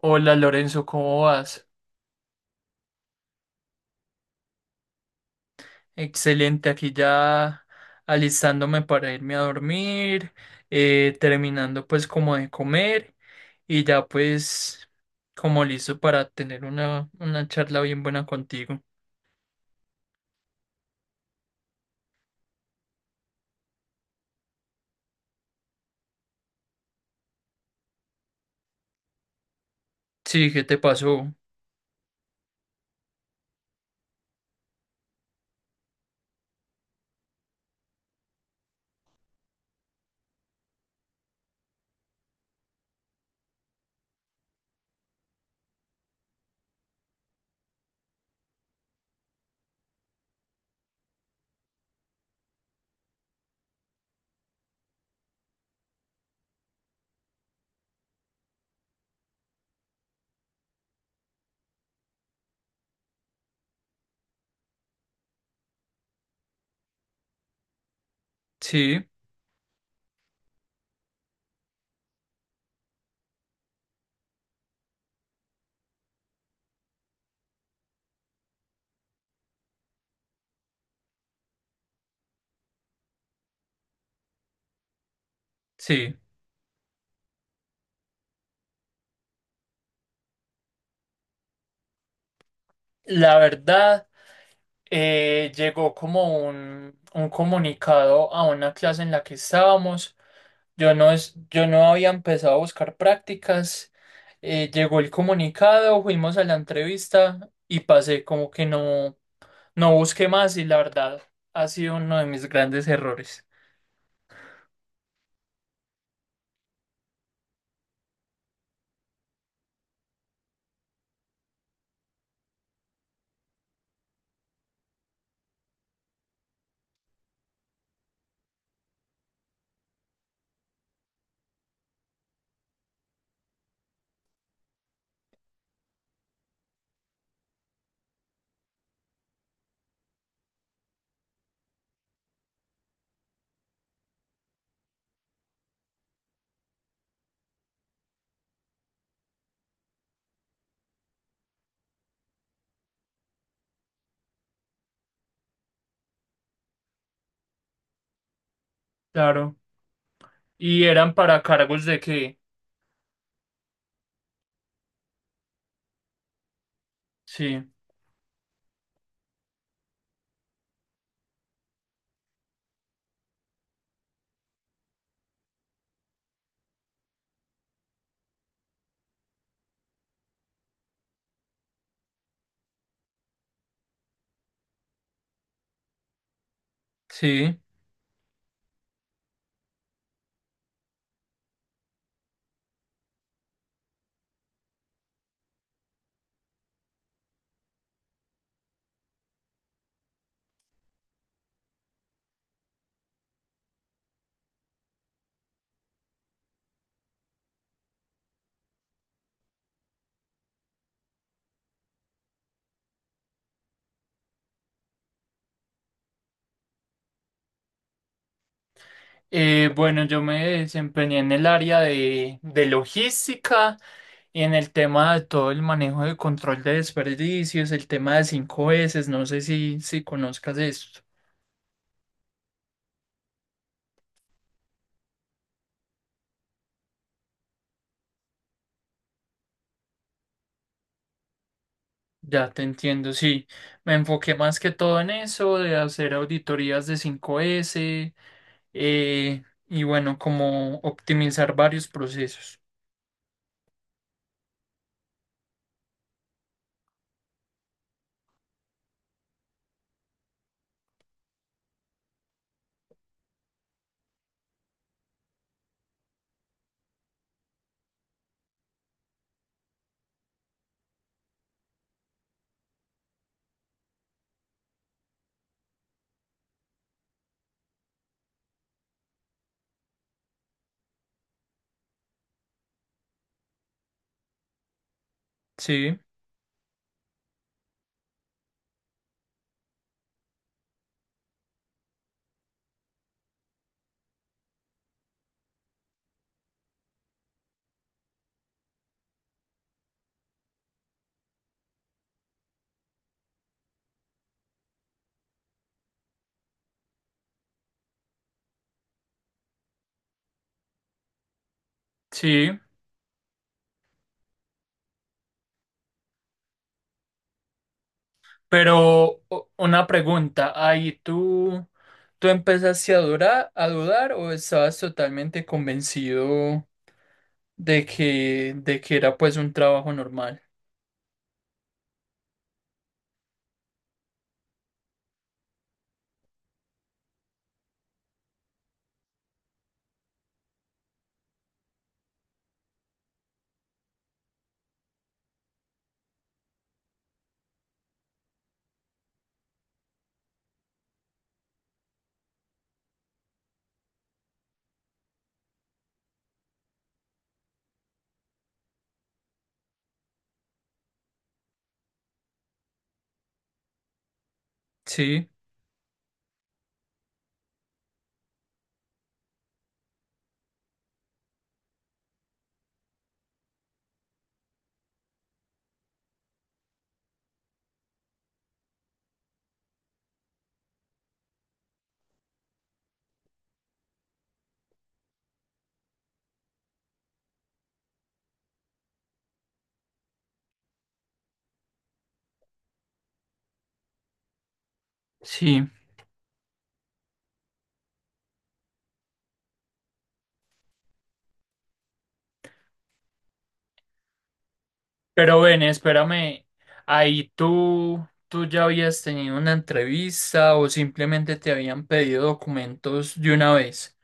Hola Lorenzo, ¿cómo vas? Excelente, aquí ya alistándome para irme a dormir, terminando pues como de comer y ya pues como listo para tener una charla bien buena contigo. Sí, ¿qué te pasó? Sí, sí. La verdad, llegó como un comunicado a una clase en la que estábamos. Yo no había empezado a buscar prácticas. Llegó el comunicado, fuimos a la entrevista y pasé como que no, no busqué más y la verdad ha sido uno de mis grandes errores. Claro. Y eran para cargos de que, sí, sí. Bueno, yo me desempeñé en el área de logística y en el tema de todo el manejo de control de desperdicios, el tema de 5S, no sé si, si conozcas eso. Ya te entiendo, sí. Me enfoqué más que todo en eso, de hacer auditorías de 5S, y bueno, como optimizar varios procesos. Sí, sí. Pero o- una pregunta, ahí tú, ¿tú empezaste a dudar, a dudar, o estabas totalmente convencido de que era pues un trabajo normal? Sí, sí. Pero ven, espérame, ahí tú, ¿tú ya habías tenido una entrevista o simplemente te habían pedido documentos de una vez?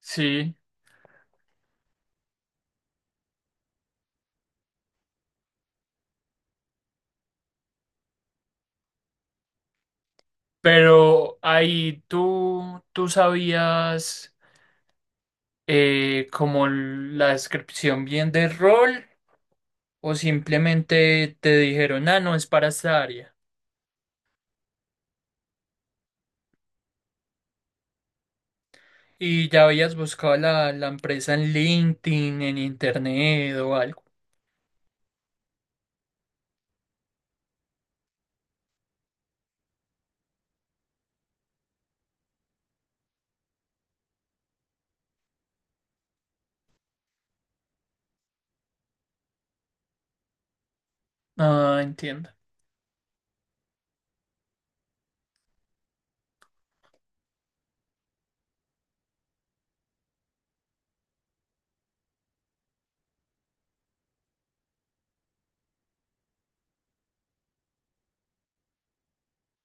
Sí, pero ahí tú, tú sabías, como la descripción bien del rol, o simplemente te dijeron, ah, no, es para esta área. ¿Y ya habías buscado la empresa en LinkedIn, en internet o algo? Ah, entiendo.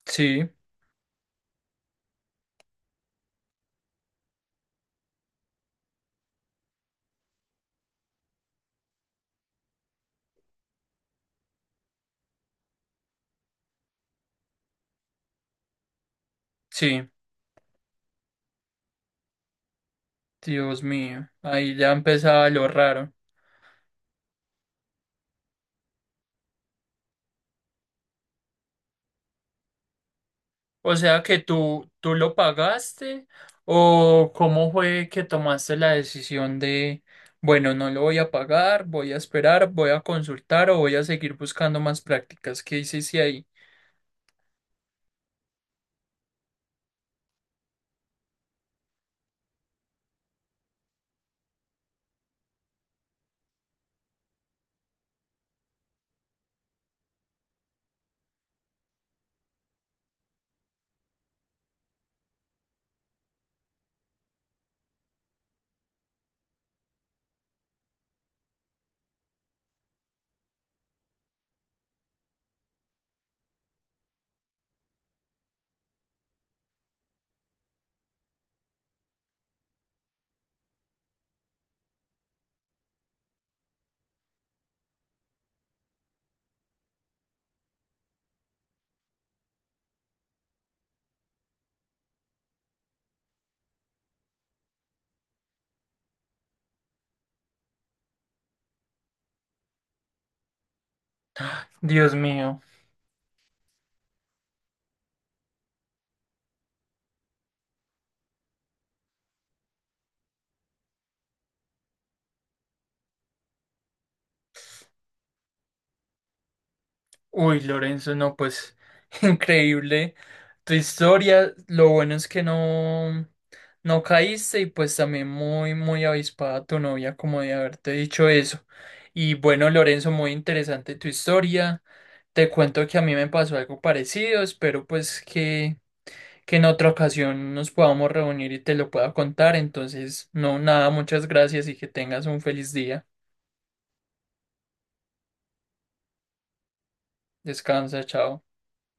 Sí, sí. Dios mío, ahí ya empezaba lo raro. O sea que tú, ¿tú lo pagaste o cómo fue que tomaste la decisión de, bueno, no lo voy a pagar, voy a esperar, voy a consultar o voy a seguir buscando más prácticas? ¿Qué hiciste ahí? Dios mío. Uy, Lorenzo, no, pues increíble tu historia. Lo bueno es que no, no caíste, y pues también muy, muy avispada tu novia como de haberte dicho eso. Y bueno, Lorenzo, muy interesante tu historia. Te cuento que a mí me pasó algo parecido. Espero pues que en otra ocasión nos podamos reunir y te lo pueda contar. Entonces, no, nada, muchas gracias y que tengas un feliz día. Descansa, chao.